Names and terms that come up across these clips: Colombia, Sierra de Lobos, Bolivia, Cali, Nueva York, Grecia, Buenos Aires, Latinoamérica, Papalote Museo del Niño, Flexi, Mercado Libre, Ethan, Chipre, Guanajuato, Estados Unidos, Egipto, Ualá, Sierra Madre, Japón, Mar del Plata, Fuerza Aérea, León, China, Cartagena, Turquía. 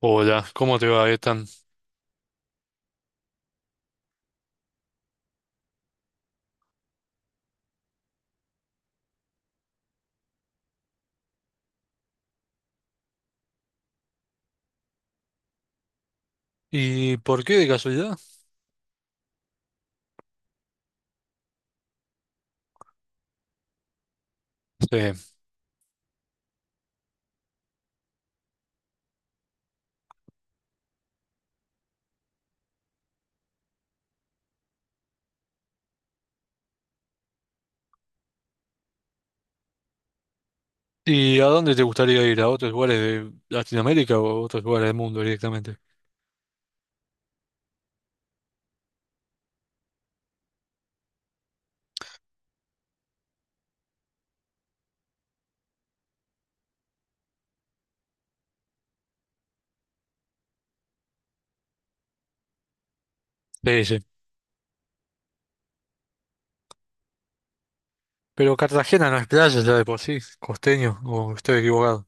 Hola, ¿cómo te va, Ethan? ¿Y por qué de casualidad? Sí. ¿Y a dónde te gustaría ir? ¿A otros lugares de Latinoamérica o a otros lugares del mundo directamente? Sí, sí. ¿Pero Cartagena no es playa ya de por sí, costeño, o estoy equivocado?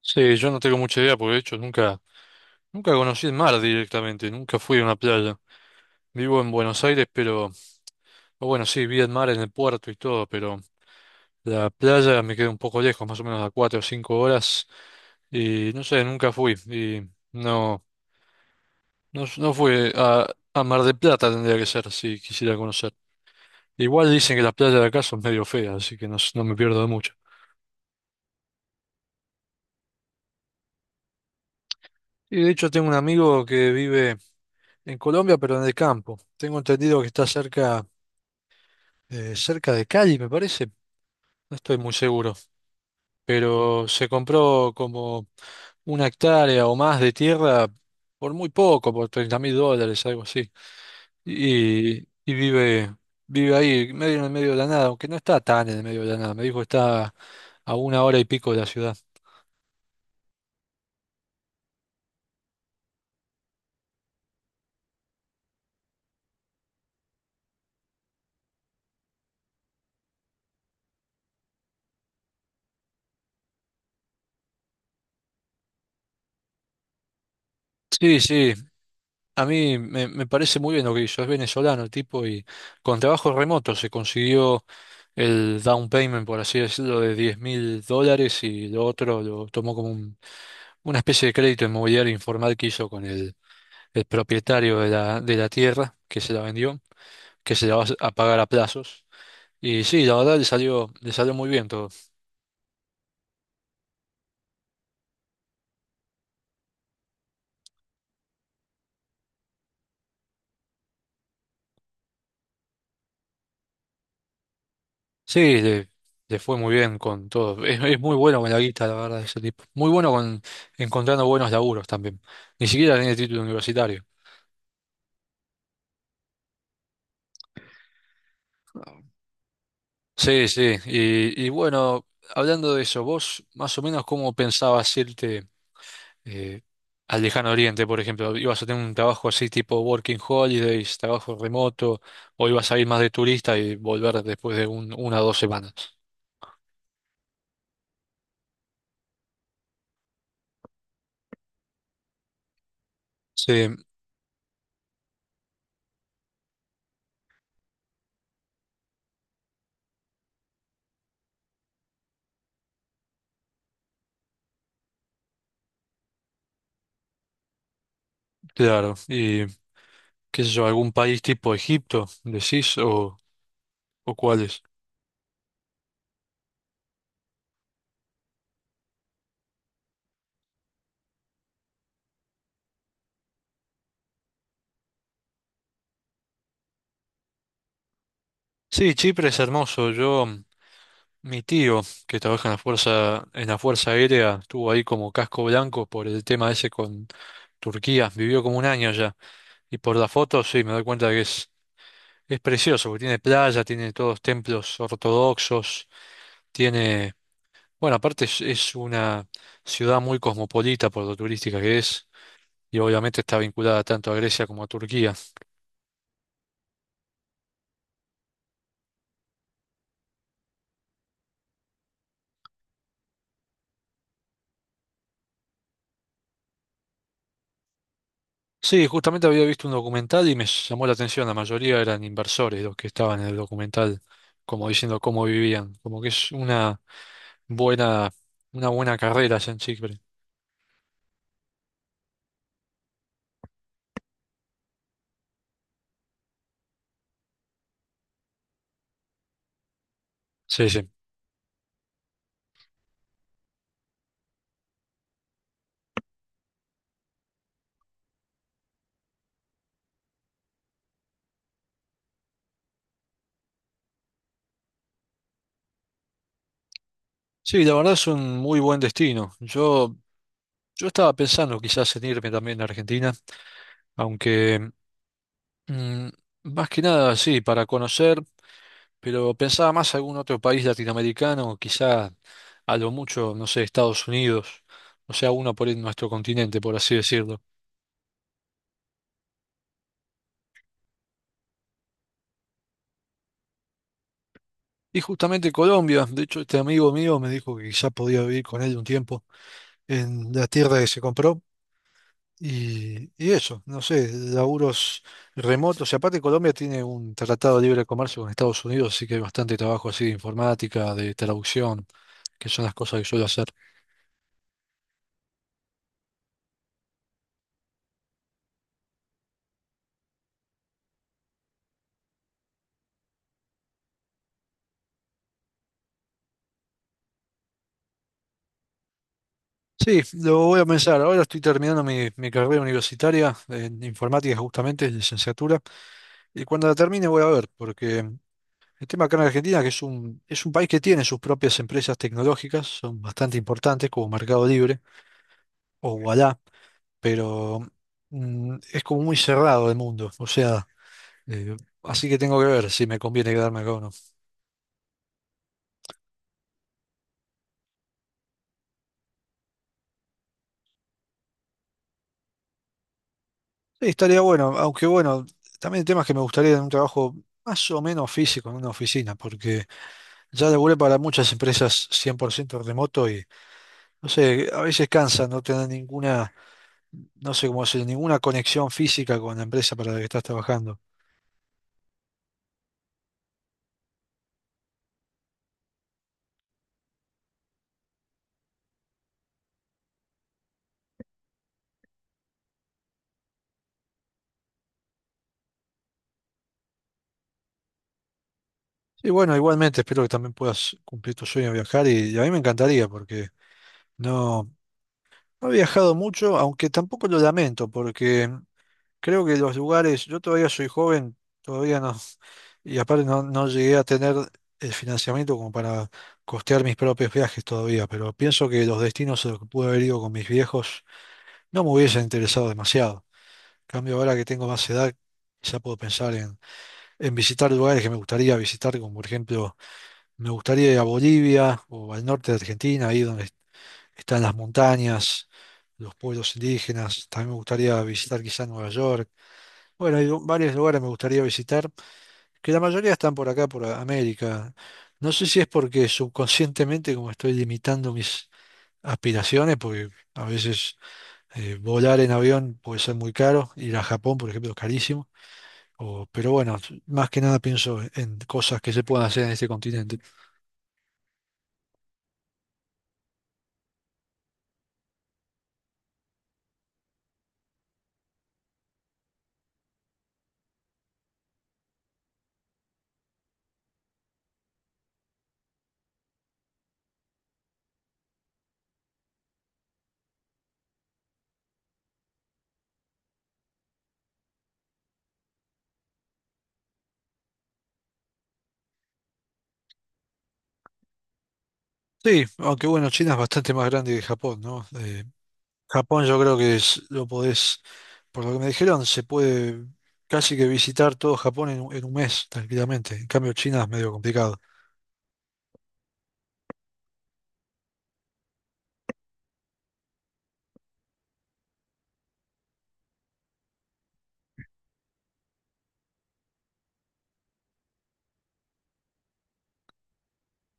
Sí, yo no tengo mucha idea, porque de hecho nunca conocí el mar directamente, nunca fui a una playa. Vivo en Buenos Aires, o bueno, sí, vi el mar en el puerto y todo, pero la playa me queda un poco lejos, más o menos a 4 o 5 horas, y no sé, nunca fui, y no. No, no fue a Mar del Plata tendría que ser si quisiera conocer. Igual dicen que las playas de acá son medio feas, así que no, no me pierdo de mucho. Y de hecho tengo un amigo que vive en Colombia, pero en el campo. Tengo entendido que está cerca de Cali, me parece. No estoy muy seguro. Pero se compró como una hectárea o más de tierra por muy poco, por 30.000 dólares, algo así. Y, y vive, vive ahí, medio en el medio de la nada, aunque no está tan en el medio de la nada. Me dijo que está a una hora y pico de la ciudad. Sí, sí, a mí me parece muy bien lo que hizo. Es venezolano el tipo y con trabajo remoto se consiguió el down payment, por así decirlo, de 10.000 dólares y lo otro lo tomó como un, una especie de crédito inmobiliario informal que hizo con el propietario de la tierra que se la vendió, que se la va a pagar a plazos. Y sí, la verdad le salió muy bien todo. Sí, le fue muy bien con todo. Es muy bueno con la guita, la verdad, ese tipo. Muy bueno con encontrando buenos laburos también. Ni siquiera tiene título universitario. Sí, sí. Y bueno, hablando de eso, vos más o menos cómo pensabas irte. eh, Al lejano oriente, por ejemplo. Ibas a tener un trabajo así tipo working holidays, trabajo remoto, o ibas a ir más de turista y volver después de una o dos semanas. Sí, claro. Y qué sé yo, algún país tipo Egipto, decís, o cuáles. Sí, Chipre es hermoso. Yo, mi tío, que trabaja en la Fuerza Aérea, estuvo ahí como casco blanco por el tema ese con Turquía, vivió como un año allá. Y por las fotos, sí, me doy cuenta que es... Es precioso, porque tiene playa, tiene todos templos ortodoxos, tiene, bueno, aparte es una ciudad muy cosmopolita por lo turística que es, y obviamente está vinculada tanto a Grecia como a Turquía. Sí, justamente había visto un documental y me llamó la atención, la mayoría eran inversores los que estaban en el documental, como diciendo cómo vivían, como que es buena, una buena carrera allá en Chipre. Sí, sí. Sí, la verdad es un muy buen destino. Yo estaba pensando quizás en irme también a Argentina. Aunque, mm, más que nada, sí, para conocer, pero pensaba más algún otro país latinoamericano, quizá a lo mucho, no sé, Estados Unidos, o sea, uno por en nuestro continente, por así decirlo. Y justamente Colombia, de hecho, este amigo mío me dijo que quizá podía vivir con él un tiempo en la tierra que se compró. Y eso, no sé, laburos remotos. Y aparte Colombia tiene un tratado de libre comercio con Estados Unidos, así que hay bastante trabajo así de informática, de traducción, que son las cosas que suelo hacer. Sí, lo voy a pensar. Ahora estoy terminando mi carrera universitaria en informática justamente, en licenciatura. Y cuando la termine voy a ver, porque el tema acá en Argentina, que es un, país que tiene sus propias empresas tecnológicas, son bastante importantes como Mercado Libre o Ualá. Pero mm, es como muy cerrado el mundo, o sea, eh, así que tengo que ver si me conviene quedarme acá o no. Sí, estaría bueno, aunque bueno, también el tema es que me gustaría en un trabajo más o menos físico, en una oficina, porque ya laburé para muchas empresas 100% remoto y, no sé, a veces cansa no tener ninguna, no sé cómo decir, ninguna conexión física con la empresa para la que estás trabajando. Y bueno, igualmente espero que también puedas cumplir tu sueño de viajar y a mí me encantaría porque... No, no he viajado mucho, aunque tampoco lo lamento, porque creo que los lugares, yo todavía soy joven, todavía no, y aparte no, no llegué a tener el financiamiento como para costear mis propios viajes todavía, pero pienso que los destinos a los que pude haber ido con mis viejos no me hubiesen interesado demasiado. En cambio, ahora que tengo más edad, ya puedo pensar en visitar lugares que me gustaría visitar, como por ejemplo me gustaría ir a Bolivia o al norte de Argentina, ahí donde están las montañas, los pueblos indígenas. También me gustaría visitar quizá Nueva York. Bueno, hay varios lugares me gustaría visitar, que la mayoría están por acá, por América. No sé si es porque subconscientemente como estoy limitando mis aspiraciones, porque a veces volar en avión puede ser muy caro, ir a Japón, por ejemplo, es carísimo. Pero bueno, más que nada pienso en cosas que se puedan hacer en este continente. Sí, aunque bueno, China es bastante más grande que Japón, ¿no? Japón yo creo que lo podés, por lo que me dijeron, se puede casi que visitar todo Japón en, un mes tranquilamente. En cambio, China es medio complicado.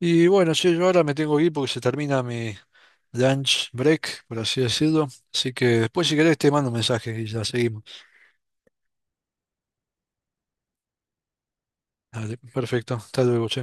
Y bueno, sí, yo ahora me tengo que ir porque se termina mi lunch break, por así decirlo. Así que después si querés te mando un mensaje y ya seguimos. Dale, perfecto. Hasta luego, che.